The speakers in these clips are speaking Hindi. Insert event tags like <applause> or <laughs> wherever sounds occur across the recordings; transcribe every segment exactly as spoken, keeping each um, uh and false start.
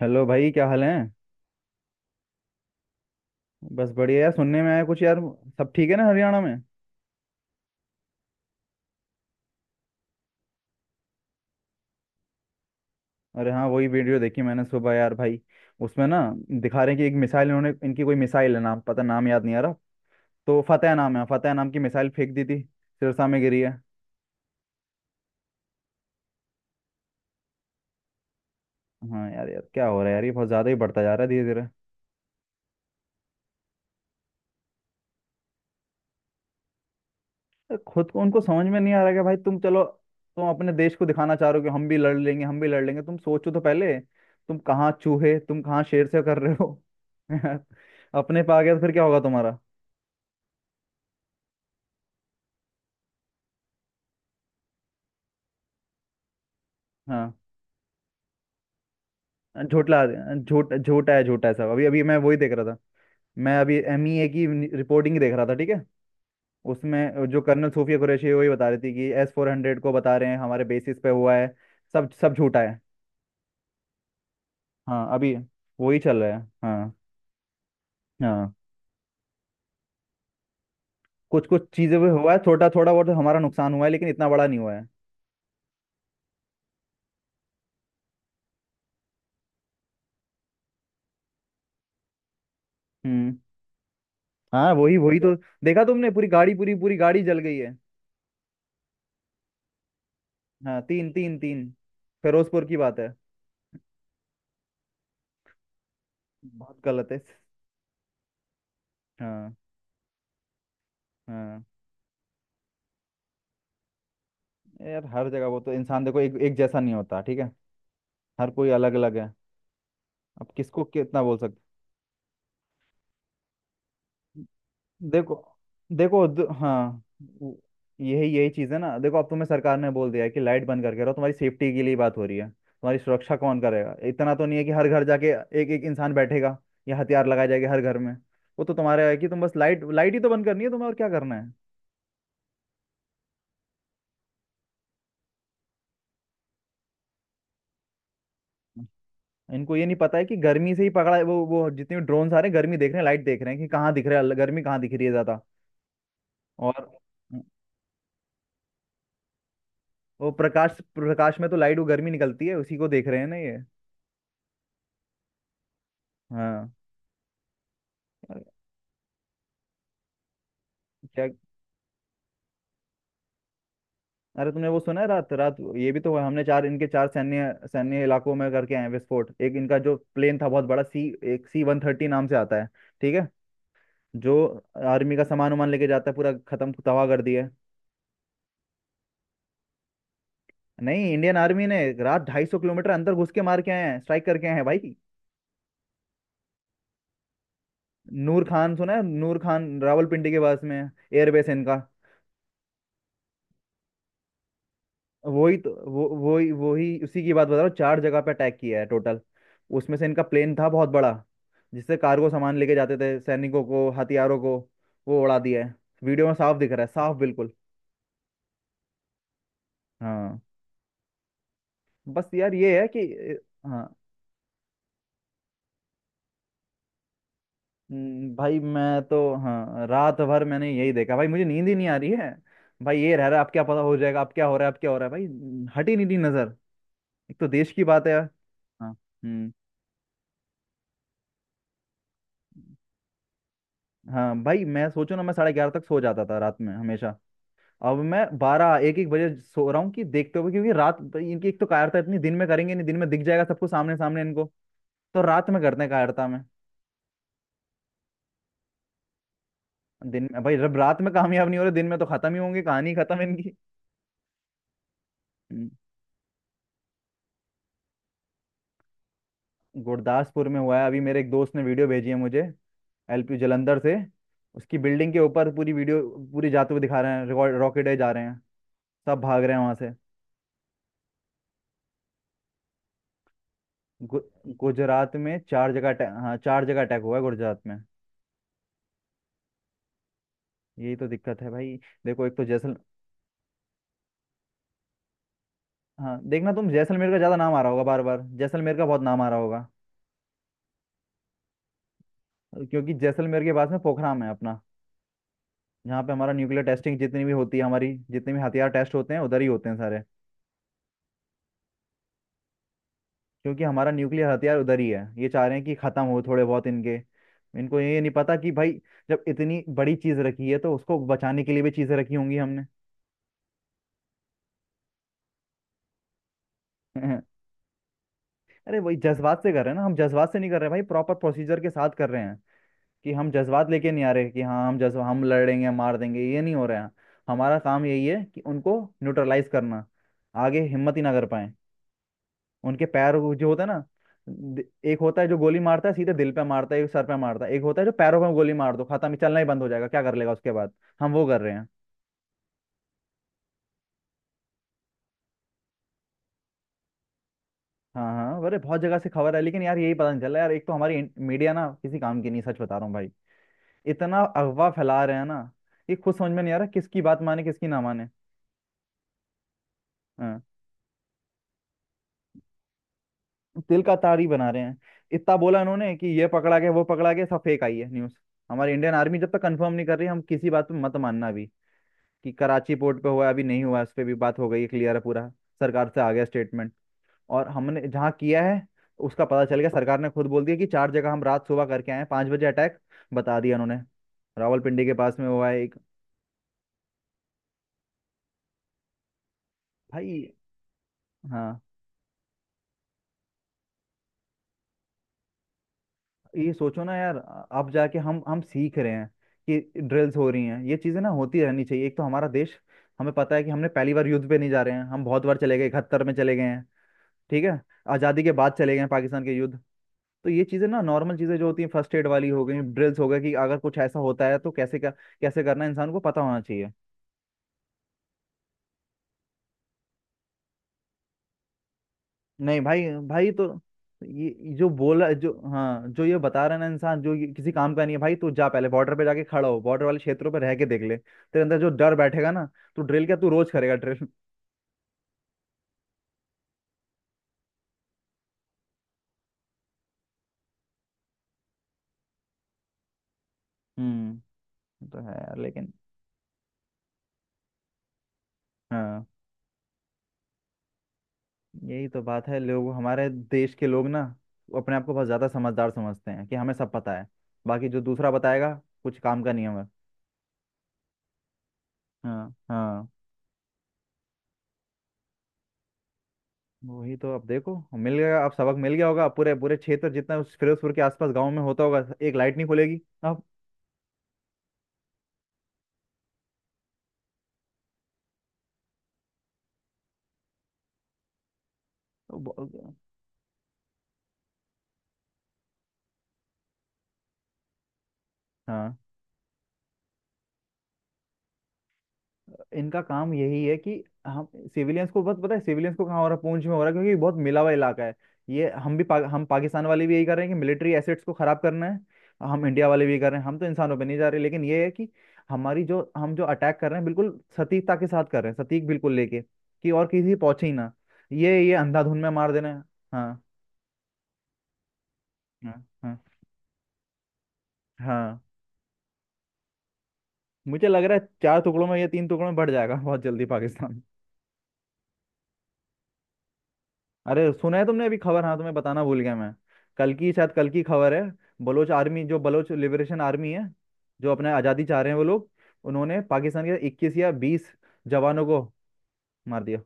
हेलो भाई, क्या हाल है। बस बढ़िया यार। सुनने में आया कुछ यार, सब ठीक है ना हरियाणा में। अरे हाँ, वही वीडियो देखी मैंने सुबह यार भाई। उसमें ना दिखा रहे हैं कि एक मिसाइल इन्होंने, इनकी कोई मिसाइल है, नाम पता, नाम याद नहीं आ रहा। तो फतेह नाम है, फतेह नाम की मिसाइल फेंक दी थी। सिरसा में गिरी है। हाँ यार, यार क्या हो रहा है यार, ये बहुत ज़्यादा ही बढ़ता जा रहा है धीरे धीरे। अरे खुद को उनको समझ में नहीं आ रहा कि भाई तुम चलो, तुम अपने देश को दिखाना चाह रहे हो कि हम भी लड़ लेंगे हम भी लड़ लेंगे, तुम सोचो तो पहले, तुम कहाँ चूहे, तुम कहाँ शेर से कर रहे हो। <laughs> अपने पे आ गया तो फिर क्या होगा तुम्हारा। हाँ, झोटला झोट झोटा है, झोटा है सब। अभी अभी मैं वही देख रहा था। मैं अभी एम ई ए की रिपोर्टिंग देख रहा था, ठीक है। उसमें जो कर्नल सूफिया कुरैशी है, वही बता रही थी कि एस फ़ोर हंड्रेड को बता रहे हैं हमारे बेसिस पे हुआ है। सब सब झूठा है। हाँ अभी वही चल रहा है। हाँ हाँ, कुछ कुछ चीज़ें भी हुआ है, छोटा थोड़ा बहुत हमारा नुकसान हुआ है, लेकिन इतना बड़ा नहीं हुआ है। हम्म। हाँ वही वही तो। देखा तुमने, पूरी गाड़ी, पूरी पूरी गाड़ी जल गई है। हाँ, तीन, तीन, तीन। फिरोजपुर की बात है। बहुत गलत है। हाँ। हाँ यार, हर जगह वो तो, इंसान देखो एक एक जैसा नहीं होता ठीक है। हर कोई अलग अलग है। अब किसको कितना बोल सकते। देखो, देखो द, हाँ वो- यही यही चीज़ है ना। देखो, अब तुम्हें सरकार ने बोल दिया है कि लाइट बंद करके रहो, तुम्हारी सेफ्टी के लिए बात हो रही है। तुम्हारी सुरक्षा कौन करेगा, इतना तो नहीं है कि हर घर जाके एक एक इंसान बैठेगा या हथियार लगाए जाएगा हर घर में। वो तो तुम्हारा है कि तुम बस लाइट, लाइट ही तो बंद करनी है तुम्हें, और क्या करना है। इनको ये नहीं पता है कि गर्मी से ही पकड़ा है। वो वो जितने ड्रोन आ रहे हैं, गर्मी देख रहे हैं, लाइट देख रहे हैं, कि कहाँ दिख रहा है, गर्मी कहाँ दिख रही है ज्यादा। और वो प्रकाश, प्रकाश में तो लाइट, वो गर्मी निकलती है, उसी को देख रहे हैं ना ये। हाँ। अरे क्या। अरे तुमने वो सुना है, रात रात ये भी तो हुआ, हमने चार इनके, चार सैन्य, सैन्य इलाकों में करके आए हैं विस्फोट। एक इनका जो प्लेन था बहुत बड़ा सी, एक सी वन थर्टी नाम से आता है, ठीक है, जो आर्मी का सामान वामान लेके जाता है, पूरा खत्म तबाह कर दिया है। नहीं, इंडियन आर्मी ने रात ढाई सौ किलोमीटर अंदर घुस के मार के आए हैं, स्ट्राइक करके आए हैं भाई। नूर खान सुना है, नूर खान रावलपिंडी के पास में एयरबेस है इनका। वही तो, वो वही, वही उसी की बात बता रहा हूँ। चार जगह पे अटैक किया है टोटल। उसमें से इनका प्लेन था बहुत बड़ा, जिससे कार्गो सामान लेके जाते थे सैनिकों को हथियारों को, वो उड़ा दिया है। वीडियो में साफ दिख रहा है, साफ बिल्कुल। हाँ। बस यार ये है कि अ, हाँ। हम्म, भाई मैं तो, हाँ रात भर मैंने यही देखा भाई, मुझे नींद ही नहीं आ रही है भाई। ये रह रहा है अब, क्या पता हो जाएगा, अब क्या हो रहा है, अब क्या हो रहा है भाई। हट ही नहीं रही नजर। एक तो देश की बात है यार। हाँ, हम्म। हाँ भाई, मैं सोचो ना, मैं साढ़े ग्यारह तक सो जाता था रात में हमेशा। अब मैं बारह, एक एक बजे सो रहा हूँ, कि देखते हुए। क्योंकि रात, इनकी एक तो कायरता इतनी, दिन में करेंगे नहीं, दिन में दिख जाएगा सबको सामने, सामने इनको। तो रात में करते हैं, कायरता में। दिन में भाई, जब रात में कामयाब नहीं हो रहे, दिन में तो खत्म ही होंगे, कहानी खत्म इनकी। हम्म। गुरदासपुर में हुआ है अभी, मेरे एक दोस्त ने वीडियो भेजी है मुझे, एल पी जलंधर से। उसकी बिल्डिंग के ऊपर पूरी वीडियो, पूरी जाते हुए दिखा रहे हैं, रिकॉर्ड, रॉकेट है जा रहे हैं, सब भाग रहे हैं वहां से। गु, गुजरात में चार जगह अटै- हाँ, चार जगह अटैक हुआ है गुजरात में। यही तो दिक्कत है भाई। देखो एक तो जैसल हाँ देखना, तुम जैसलमेर का ज्यादा नाम आ रहा होगा, बार बार जैसलमेर का बहुत नाम आ रहा होगा। क्योंकि जैसलमेर के पास में पोखराम है अपना, जहाँ पे हमारा न्यूक्लियर टेस्टिंग जितनी भी होती है, हमारी जितने भी हथियार टेस्ट होते हैं उधर ही होते हैं सारे। क्योंकि हमारा न्यूक्लियर हथियार उधर ही है। ये चाह रहे हैं कि खत्म हो थोड़े बहुत इनके। इनको ये नहीं पता कि भाई, जब इतनी बड़ी चीज रखी है, तो उसको बचाने के लिए भी चीजें रखी होंगी हमने। <laughs> अरे वही जज्बात से कर रहे हैं ना, हम जज्बात से नहीं कर रहे भाई, प्रॉपर प्रोसीजर के साथ कर रहे हैं। कि हम जज्बात लेके नहीं आ रहे, कि हाँ हम जज्बा, हम लड़ेंगे मार देंगे, ये नहीं हो रहा है। हमारा काम यही है कि उनको न्यूट्रलाइज करना, आगे हिम्मत ही ना कर पाए। उनके पैर, वो जो होता है ना, दि- एक होता है जो गोली मारता है सीधे दिल पे मारता है, एक सर पे मारता है, एक होता है जो पैरों पे गोली मार दो, खत्म, ही चलना ही बंद हो जाएगा, क्या कर लेगा उसके बाद। हम वो कर रहे हैं। हाँ हाँ, अरे बहुत जगह से खबर है, लेकिन यार यही पता नहीं चला यार, एक तो हमारी मीडिया ना किसी काम की नहीं, सच बता रहा हूँ भाई। इतना अफवाह फैला रहे हैं ना, ये खुद समझ में नहीं आ रहा किसकी बात माने, किसकी ना माने। हाँ, तिल का तारी बना रहे हैं। इतना बोला इन्होंने कि ये पकड़ा गया, वो पकड़ा गया, सब फेक आई है न्यूज। हमारी इंडियन आर्मी जब तक कंफर्म नहीं कर रही, हम किसी बात पे मत मानना अभी। कि कराची पोर्ट पे हुआ है, अभी नहीं हुआ है, उस पर भी बात हो गई है, क्लियर है पूरा। सरकार से आ गया स्टेटमेंट। और हमने जहाँ किया है, उसका पता चल गया, सरकार ने खुद बोल दिया कि चार जगह हम रात, सुबह करके आए हैं, पाँच बजे अटैक, बता दिया उन्होंने। रावलपिंडी के पास में हुआ है एक। भाई। हाँ, ये सोचो ना यार, अ- अब जाके हम हम सीख रहे हैं, कि ड्रिल्स हो रही हैं। ये चीजें ना होती रहनी चाहिए, एक तो हमारा देश, हमें पता है कि हमने पहली बार युद्ध पे नहीं जा रहे हैं, हम बहुत बार चले गए, इकहत्तर में चले गए हैं, ठीक है। आज़ादी के बाद चले गए हैं पाकिस्तान के युद्ध। तो ये चीजें ना, नॉर्मल चीजें जो होती हैं, फर्स्ट एड वाली हो गई, ड्रिल्स हो गए, कि अगर कुछ ऐसा होता है तो कैसे, क्या कैसे करना है, इंसान को पता होना चाहिए। नहीं भाई, भाई तो ये जो बोला, जो हाँ जो ये बता रहा है ना इंसान, जो ये किसी काम का नहीं है भाई, तू जा पहले बॉर्डर पे जाके खड़ा हो, बॉर्डर वाले क्षेत्रों पे रह के देख ले, तेरे अंदर जो डर बैठेगा ना। तू ड्रिल क्या, तू रोज करेगा ड्रिल। हम्म। वो तो है यार लेकिन। हाँ, यही तो बात है, लोग हमारे देश के लोग ना, वो अपने आप को बहुत ज्यादा समझदार समझते हैं कि हमें सब पता है, बाकी जो दूसरा बताएगा कुछ काम का नहीं है हमें। हाँ हाँ। वही तो, अब देखो मिल गया, अब सबक मिल गया होगा। अब पूरे पूरे क्षेत्र जितना उस फिरोजपुर के आसपास गांव में होता होगा, एक लाइट नहीं खुलेगी अब। तो ब- हाँ, तो इनका काम यही है कि हम सिविलियंस को बस, पता है सिविलियंस को कहाँ हो रहा है, पूंछ में हो रहा है, क्योंकि ये बहुत मिला हुआ इलाका है। ये हम भी पा, हम पाकिस्तान वाले भी यही कर रहे हैं कि मिलिट्री एसेट्स को खराब करना है। हम इंडिया वाले भी यही कर रहे हैं, हम तो इंसानों पे नहीं जा रहे, लेकिन ये है कि हमारी जो, हम जो अटैक कर रहे हैं बिल्कुल सटीकता के साथ कर रहे हैं, सटीक बिल्कुल लेके, कि और किसी पहुंचे ही ना। ये ये अंधाधुंध में मार देना है। हाँ हाँ हाँ हाँ, मुझे लग रहा है चार टुकड़ों में, या तीन टुकड़ों में बढ़ जाएगा <laughs> बहुत जल्दी पाकिस्तान। अरे सुना है तुमने अभी खबर? हाँ तुम्हें बताना भूल गया मैं, कल की शायद, कल की खबर है। बलोच आर्मी, जो बलोच लिबरेशन आर्मी है, जो अपने आज़ादी चाह रहे हैं वो लोग, उन्होंने पाकिस्तान के इक्कीस या बीस जवानों को मार दिया।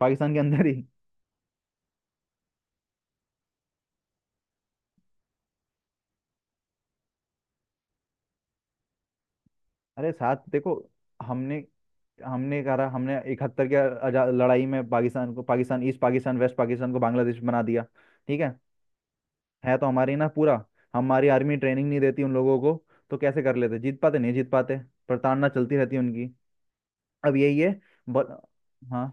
पाकिस्तान के अंदर ही। अरे साथ देखो, हमने, हमने करा, हमने इकहत्तर के आजा- लड़ाई में पाकिस्तान को, पाकिस्तान, ईस्ट पाकिस्तान, वेस्ट पाकिस्तान को बांग्लादेश बना दिया, ठीक है। है तो हमारी ना पूरा, हमारी आर्मी ट्रेनिंग नहीं देती उन लोगों को, तो कैसे कर लेते, जीत पाते, नहीं जीत पाते, प्रताड़ना चलती रहती है उनकी। अब यही है। ब... हाँ,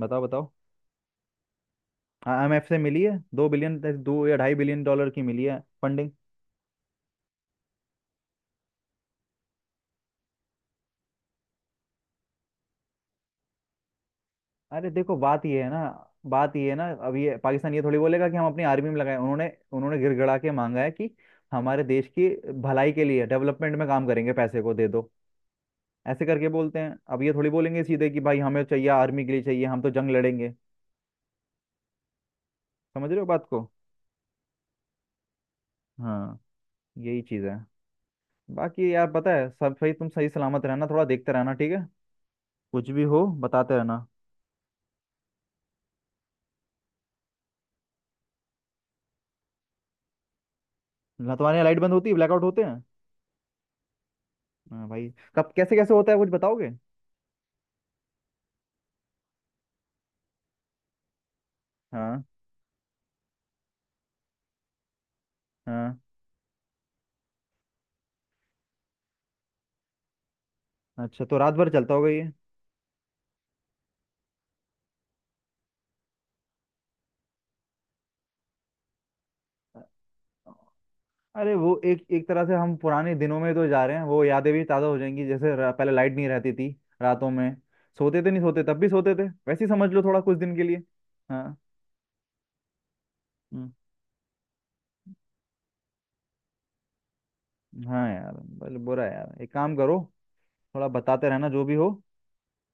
बताओ बताओ। आई एम एफ से मिली है, दो बिलियन, दो या ढाई बिलियन डॉलर की मिली है फंडिंग। अरे देखो बात ये है ना, बात ये है ना, अब ये पाकिस्तान ये थोड़ी बोलेगा कि हम अपनी आर्मी में लगाए, उन्होंने, उन्होंने गिड़गिड़ा के मांगा है कि हमारे देश की भलाई के लिए, डेवलपमेंट में काम करेंगे, पैसे को दे दो, ऐसे करके बोलते हैं। अब ये थोड़ी बोलेंगे सीधे कि भाई हमें चाहिए, आर्मी के लिए चाहिए, हम तो जंग लड़ेंगे। समझ रहे हो बात को। हाँ, यही चीज़ है। बाकी यार पता है सब सही, तुम सही सलामत रहना, थोड़ा देखते रहना ठीक है, कुछ भी हो बताते रहना। ना तुम्हारे यहाँ लाइट बंद होती है, ब्लैकआउट होते हैं। हाँ भाई, कब कैसे कैसे होता है कुछ बताओगे। हाँ हाँ। अच्छा, तो रात भर चलता होगा ये। अरे वो एक एक तरह से हम पुराने दिनों में तो जा रहे हैं, वो यादें भी ताज़ा हो जाएंगी, जैसे र- पहले लाइट नहीं रहती थी रातों में, सोते थे, नहीं सोते, तब भी सोते थे, वैसे ही समझ लो थोड़ा, कुछ दिन के लिए। हाँ। हम्म, हाँ यार। बल बुरा है यार, एक काम करो, थोड़ा बताते रहना जो भी हो,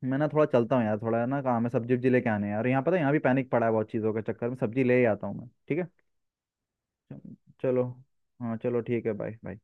मैं ना थोड़ा चलता हूँ यार, थोड़ा ना काम है, सब्जी वब्जी लेके आने हैं यार, यहाँ पता है यहाँ भी पैनिक पड़ा है, बहुत चीज़ों के चक्कर में सब्जी ले ही आता हूँ मैं ठीक है। चलो, हाँ चलो ठीक है, बाय बाय।